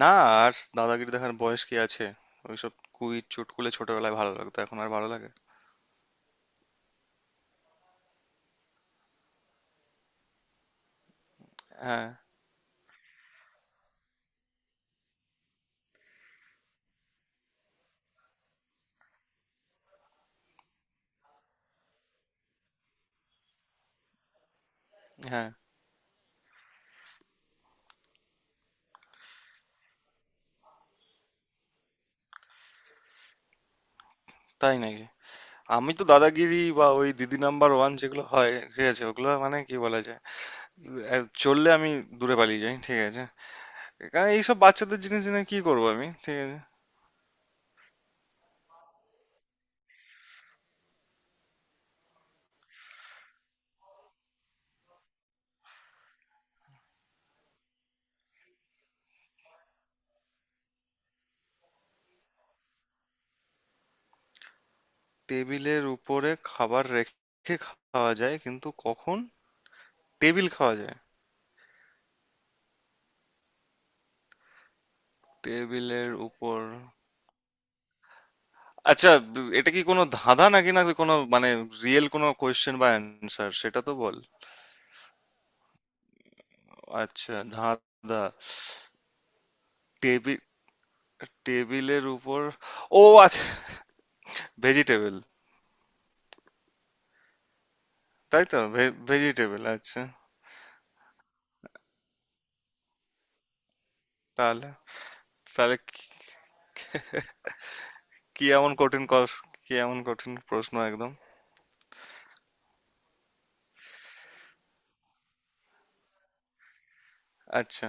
না, আর দাদাগিরি দেখার বয়স কি আছে? ওইসব কুইজ চুটকুলে ছোটবেলায় ভালো লাগতো, এখন আর ভালো লাগে। হ্যাঁ। হ্যাঁ। তাই নাকি? আমি তো দাদাগিরি বা ওই দিদি নাম্বার ওয়ান যেগুলো হয়, ঠিক আছে, ওগুলো মানে কি বলা যায়, এ, চললে আমি দূরে পালিয়ে যাই, ঠিক আছে। এখানে এইসব বাচ্চাদের জিনিস জেনে কি করবো আমি, ঠিক আছে। টেবিলের উপরে খাবার রেখে খাওয়া যায় কিন্তু কখন? টেবিল খাওয়া যায়? টেবিলের উপর, আচ্ছা। এটা কি কোনো ধাঁধা নাকি, না কোনো মানে রিয়েল কোনো কোয়েশ্চেন বা অ্যান্সার? সেটা তো বল। আচ্ছা, ধাঁধা। টেবিল, টেবিলের উপর, ও আচ্ছা, ভেজিটেবল, তাই তো। ভেজিটেবল, আচ্ছা। তাহলে, তাহলে কি? কি এমন কঠিন কি এমন কঠিন প্রশ্ন, একদম। আচ্ছা,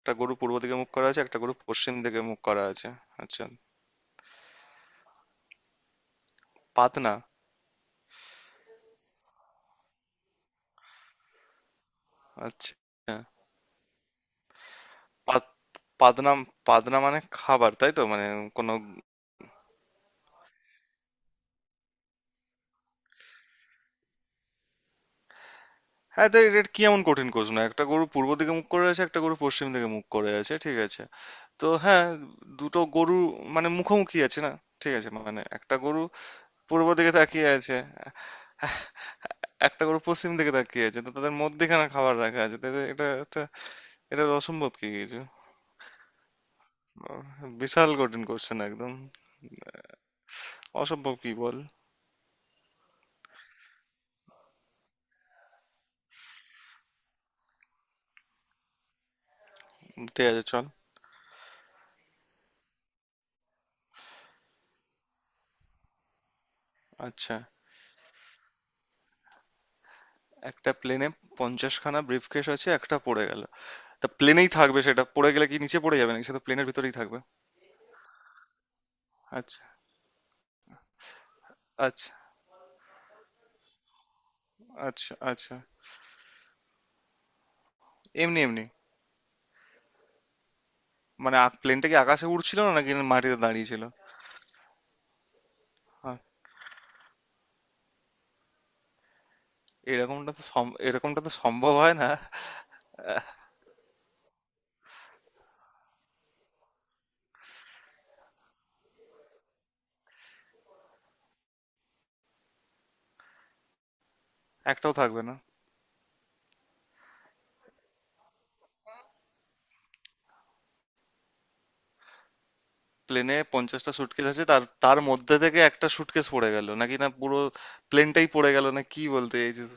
একটা গরু পূর্ব দিকে মুখ করা আছে, একটা গরু পশ্চিম দিকে মুখ করা আছে। আচ্ছা, পাতনা। আচ্ছা, পাত- পাতনা, পাতনা মানে খাবার, তাই তো মানে? কোনো, হ্যাঁ, তাই এটা কি এমন কঠিন প্রশ্ন? একটা গরু পূর্ব দিকে মুখ করে আছে, একটা গরু পশ্চিম দিকে মুখ করে আছে, ঠিক আছে, তো হ্যাঁ, দুটো গরু মানে মুখোমুখি আছে না, ঠিক আছে। মানে একটা গরু পূর্ব দিকে তাকিয়ে আছে, একটা গরু পশ্চিম দিকে তাকিয়ে আছে, তো তাদের মধ্যেখানে খাবার রাখা আছে, তাদের এটা এটা এটা অসম্ভব কি কিছু? বিশাল কঠিন কোশ্চেন একদম। অসম্ভব কি বল। ঠিক আছে, চল। আচ্ছা, একটা প্লেনে পঞ্চাশখানা ব্রিফকেস আছে, একটা পড়ে গেল, তা প্লেনেই থাকবে সেটা। পড়ে গেলে কি নিচে পড়ে যাবে নাকি সেটা প্লেনের ভিতরেই থাকবে? আচ্ছা, আচ্ছা। আচ্ছা, আচ্ছা। এমনি এমনি? মানে প্লেনটা কি আকাশে উড়ছিল না নাকি মাটিতে দাঁড়িয়ে ছিল? আহ, এরকমটা তো এরকমটা তো সম্ভব হয় না। একটাও থাকবে না। প্লেনে পঞ্চাশটা সুটকেস আছে, তার তার মধ্যে থেকে একটা সুটকেস পড়ে গেল নাকি, না পুরো প্লেনটাই পড়ে গেল, না কি বলতে চাইছিস?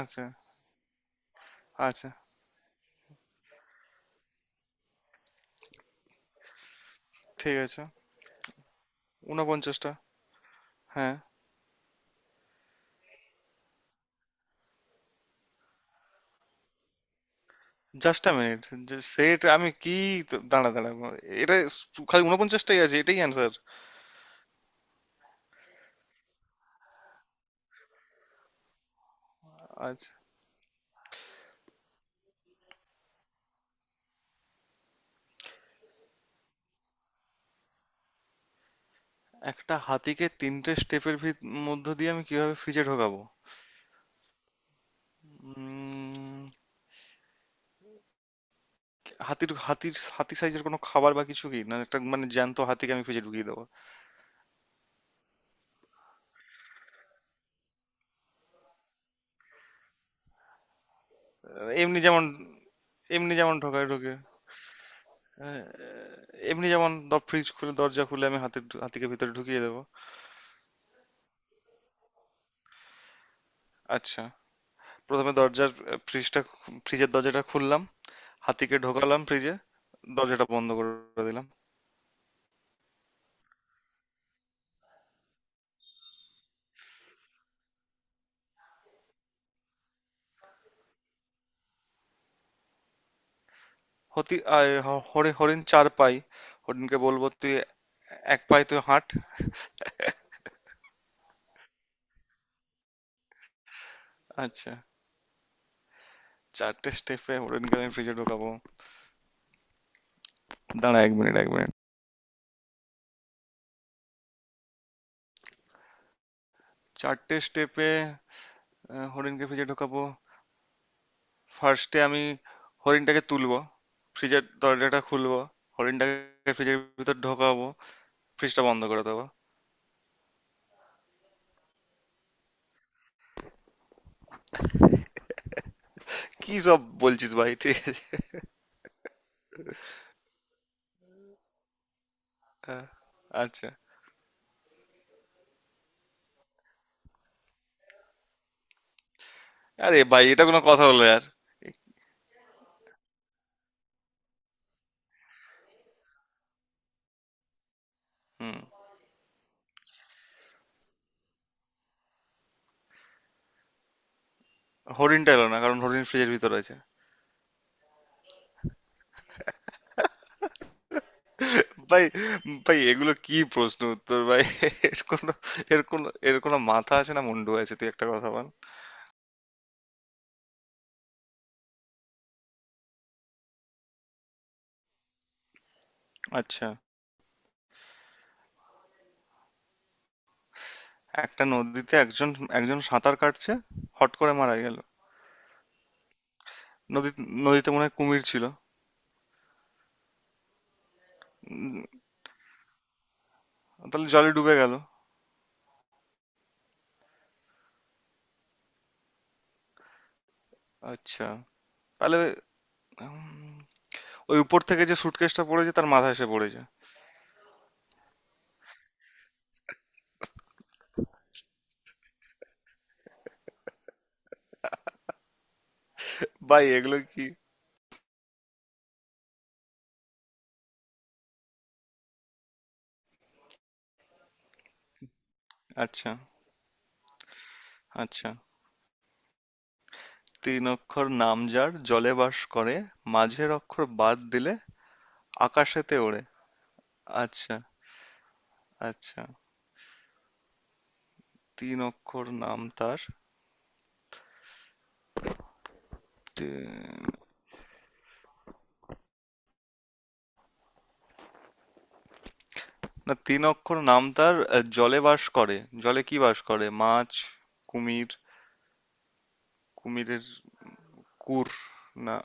আচ্ছা, আচ্ছা, ঠিক আছে, উনপঞ্চাশটা। হ্যাঁ। জাস্ট আ মিনিট, সেট আমি কি, দাঁড়া দাঁড়া, এটা খালি উনপঞ্চাশটাই আছে, এটাই অ্যান্সার। আচ্ছা, একটা হাতিকে তিনটে স্টেপের মধ্য দিয়ে আমি কিভাবে ফ্রিজে ঢোকাবো? উম, হাতির হাতির হাতি সাইজের কোনো খাবার বা কিছু কি না, একটা মানে জ্যান্ত হাতিকে আমি ফ্রিজে ঢুকিয়ে দেবো? এমনি যেমন, এমনি যেমন ঢোকায় ঢোকে। আহ, এমনি যেমন ফ্রিজ খুলে, দরজা খুলে আমি হাতিকে ভিতরে ঢুকিয়ে দেবো। আচ্ছা, প্রথমে দরজার, ফ্রিজটা ফ্রিজের দরজাটা খুললাম, হাতিকে ঢোকালাম ফ্রিজে, দরজাটা বন্ধ করে দিলাম। হতি আয়, হ- হরি- হরিণ চার পাই, হরিণকে বলবো তুই এক পায়ে তুই হাঁট। আচ্ছা, চারটে স্টেপে হরিণকে আমি ফ্রিজে ঢোকাবো, দাঁড়া এক মিনিট, এক মিনিট। চারটে স্টেপে হরিণকে ফ্রিজে ঢোকাবো, ফার্স্টে আমি হরিণটাকে তুলবো, ফ্রিজের দরজাটা খুলবো, হরিণটাকে ফ্রিজের ভিতর ঢোকাবো, ফ্রিজটা বন্ধ করে দেবো। কি সব বলছিস ভাই, ঠিক আছে। হ্যাঁ, আচ্ছা। আরে ভাই এটা কোনো কথা হলো আর! হুম, হরিণটা এলো না কারণ হরিণ ফ্রিজের ভিতর আছে। ভাই, ভাই, এগুলো কি প্রশ্ন উত্তর ভাই! এর কোনো এর কোনো মাথা আছে না মুন্ডু আছে? তুই একটা কথা বল। আচ্ছা, একটা নদীতে একজন, একজন সাঁতার কাটছে, হট করে মারা গেল। নদী, নদীতে মনে হয় কুমির ছিল। তাহলে জলে ডুবে গেল? আচ্ছা, তাহলে ওই উপর থেকে যে সুটকেসটা পড়েছে তার মাথায় এসে পড়েছে। ভাই এগুলো কি? আচ্ছা, আচ্ছা, তিন অক্ষর নাম যার জলে বাস করে, মাঝের অক্ষর বাদ দিলে আকাশেতে ওড়ে। আচ্ছা, আচ্ছা, তিন অক্ষর নাম তার, তি- না, তিন অক্ষর নাম তার, জলে বাস করে। জলে কি বাস করে, মাছ? কুমির? কুমিরের, কুর, না।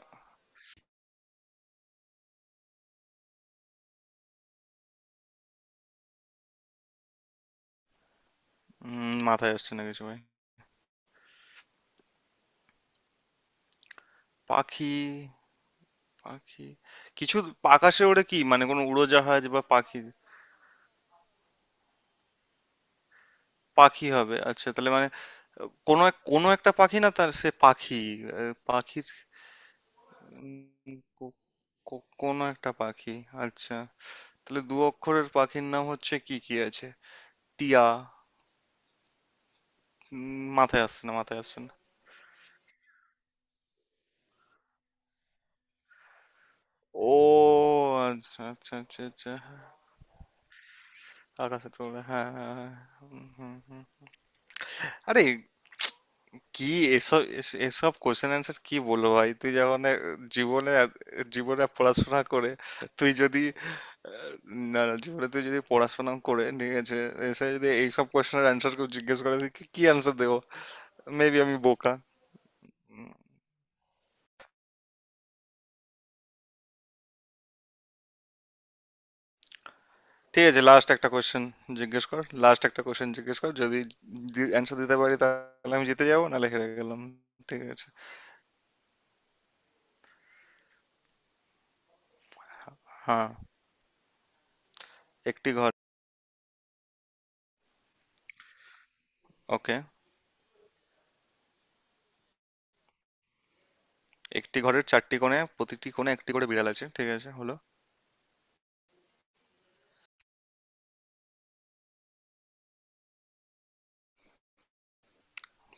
মাথায় আসছে না কিছু ভাই। পাখি? পাখি? কিছু আকাশে ওড়ে কি মানে, কোনো উড়োজাহাজ বা পাখি? পাখি হবে? আচ্ছা, তাহলে মানে কোনো এক, কোনো একটা পাখি না তার, সে পাখি, পাখির, উম, কো- কোনো একটা পাখি, আচ্ছা। তাহলে দু অক্ষরের পাখির নাম হচ্ছে কি কি আছে? টিয়া। মাথায় আসছে না। ও আচ্ছা, আচ্ছা, আচ্ছা, আচ্ছা, আকাশে তোলে, হ্যাঁ হ্যাঁ হ্যাঁ। হুম, হুম, হুম। আরে, কি? এসব কোশ্চেন অ্যান্সার কি বলবো ভাই? তুই যখন জীবনে জীবনে পড়াশোনা করে, তুই যদি, আহ, না না, জীবনে তুই যদি পড়াশোনা করে, ঠিক আছে, এসে যদি এইসব কোশ্চেনের অ্যান্সার কেউ জিজ্ঞেস করে, তুই কি অ্যান্সার দেবো? মেবি আমি বোকা। উম, ঠিক আছে, লাস্ট একটা কোশ্চেন জিজ্ঞেস কর। লাস্ট একটা কোশ্চেন জিজ্ঞেস কর, যদি অ্যান্সার দিতে পারি তাহলে আমি জিতে যাবো, নাহলে হেরে গেলাম। ঠিক আছে। হ্যাঁ। একটি ঘর। ওকে। একটি ঘরের চারটি কোণে, প্রতিটি কোণে একটি করে বিড়াল আছে, ঠিক আছে, হলো।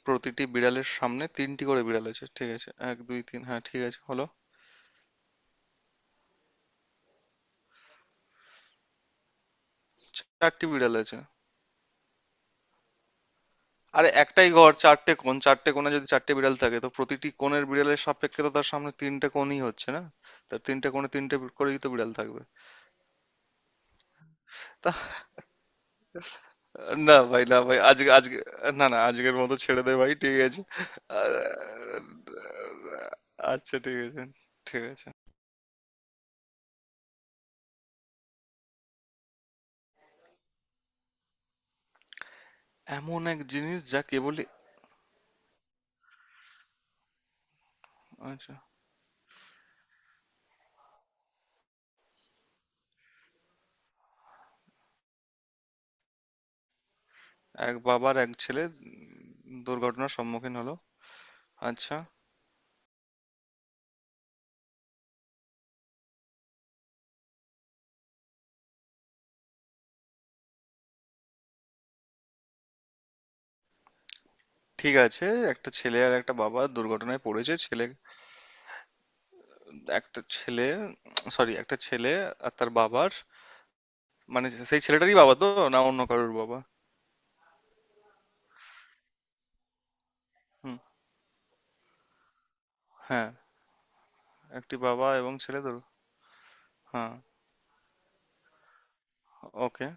প্রতিটি বিড়ালের সামনে তিনটি করে বিড়াল আছে, ঠিক আছে, এক দুই তিন, হ্যাঁ, ঠিক আছে, হলো। চারটি বিড়াল আছে। আরে একটাই ঘর, চারটে কোণ, চারটে কোণে যদি চারটে বিড়াল থাকে, তো প্রতিটি কোণের বিড়ালের সাপেক্ষে তো তার সামনে তিনটে কোণই হচ্ছে না, তার তিনটে কোণে তিনটে করেই তো বিড়াল থাকবে। তা, না ভাই, না ভাই, আজকে আজকে, না না, আজকের মতো ছেড়ে দে ভাই, ঠিক আছে। আহ, আচ্ছা, ঠিক আছে। ঠিক আছে। এমন এক জিনিস যা কেবলই, আচ্ছা। এক বাবার এক ছেলে, দুর্ঘটনার সম্মুখীন হলো, আচ্ছা, ঠিক আছে। একটা ছেলে আর একটা বাবা দুর্ঘটনায় পড়েছে, ছেলে, একটা ছেলে, সরি, একটা ছেলে আর তার বাবার, মানে সেই ছেলেটারই বাবা তো, না অন্য কারোর বাবা? হুম। হ্যাঁ। একটি বাবা এবং ছেলে দুর, হ্যাঁ, ওকে,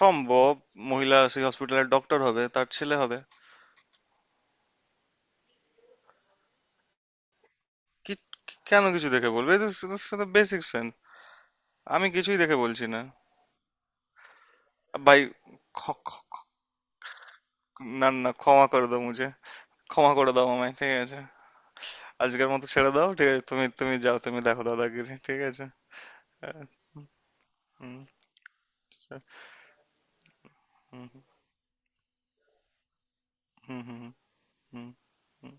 সম্ভব। মহিলা সেই হসপিটালের ডক্টর হবে, তার ছেলে হবে। কি? কেন কিছু দেখে বলবে? সাথে বেসিক সেন্স। আমি কিছুই দেখে বলছি না। ভাই, খ- খ- না না, ক্ষমা করে দাও মুঝে, ক্ষমা করে দাও আমায়, ঠিক আছে? আজকের মতো ছেড়ে দাও, ঠিক আছে, তুমি, তুমি যাও, তুমি দেখো দাদাগিরি, ঠিক আছে। হ্যাঁ। হুম, হুম, হুম, হুম, হুম, হুম।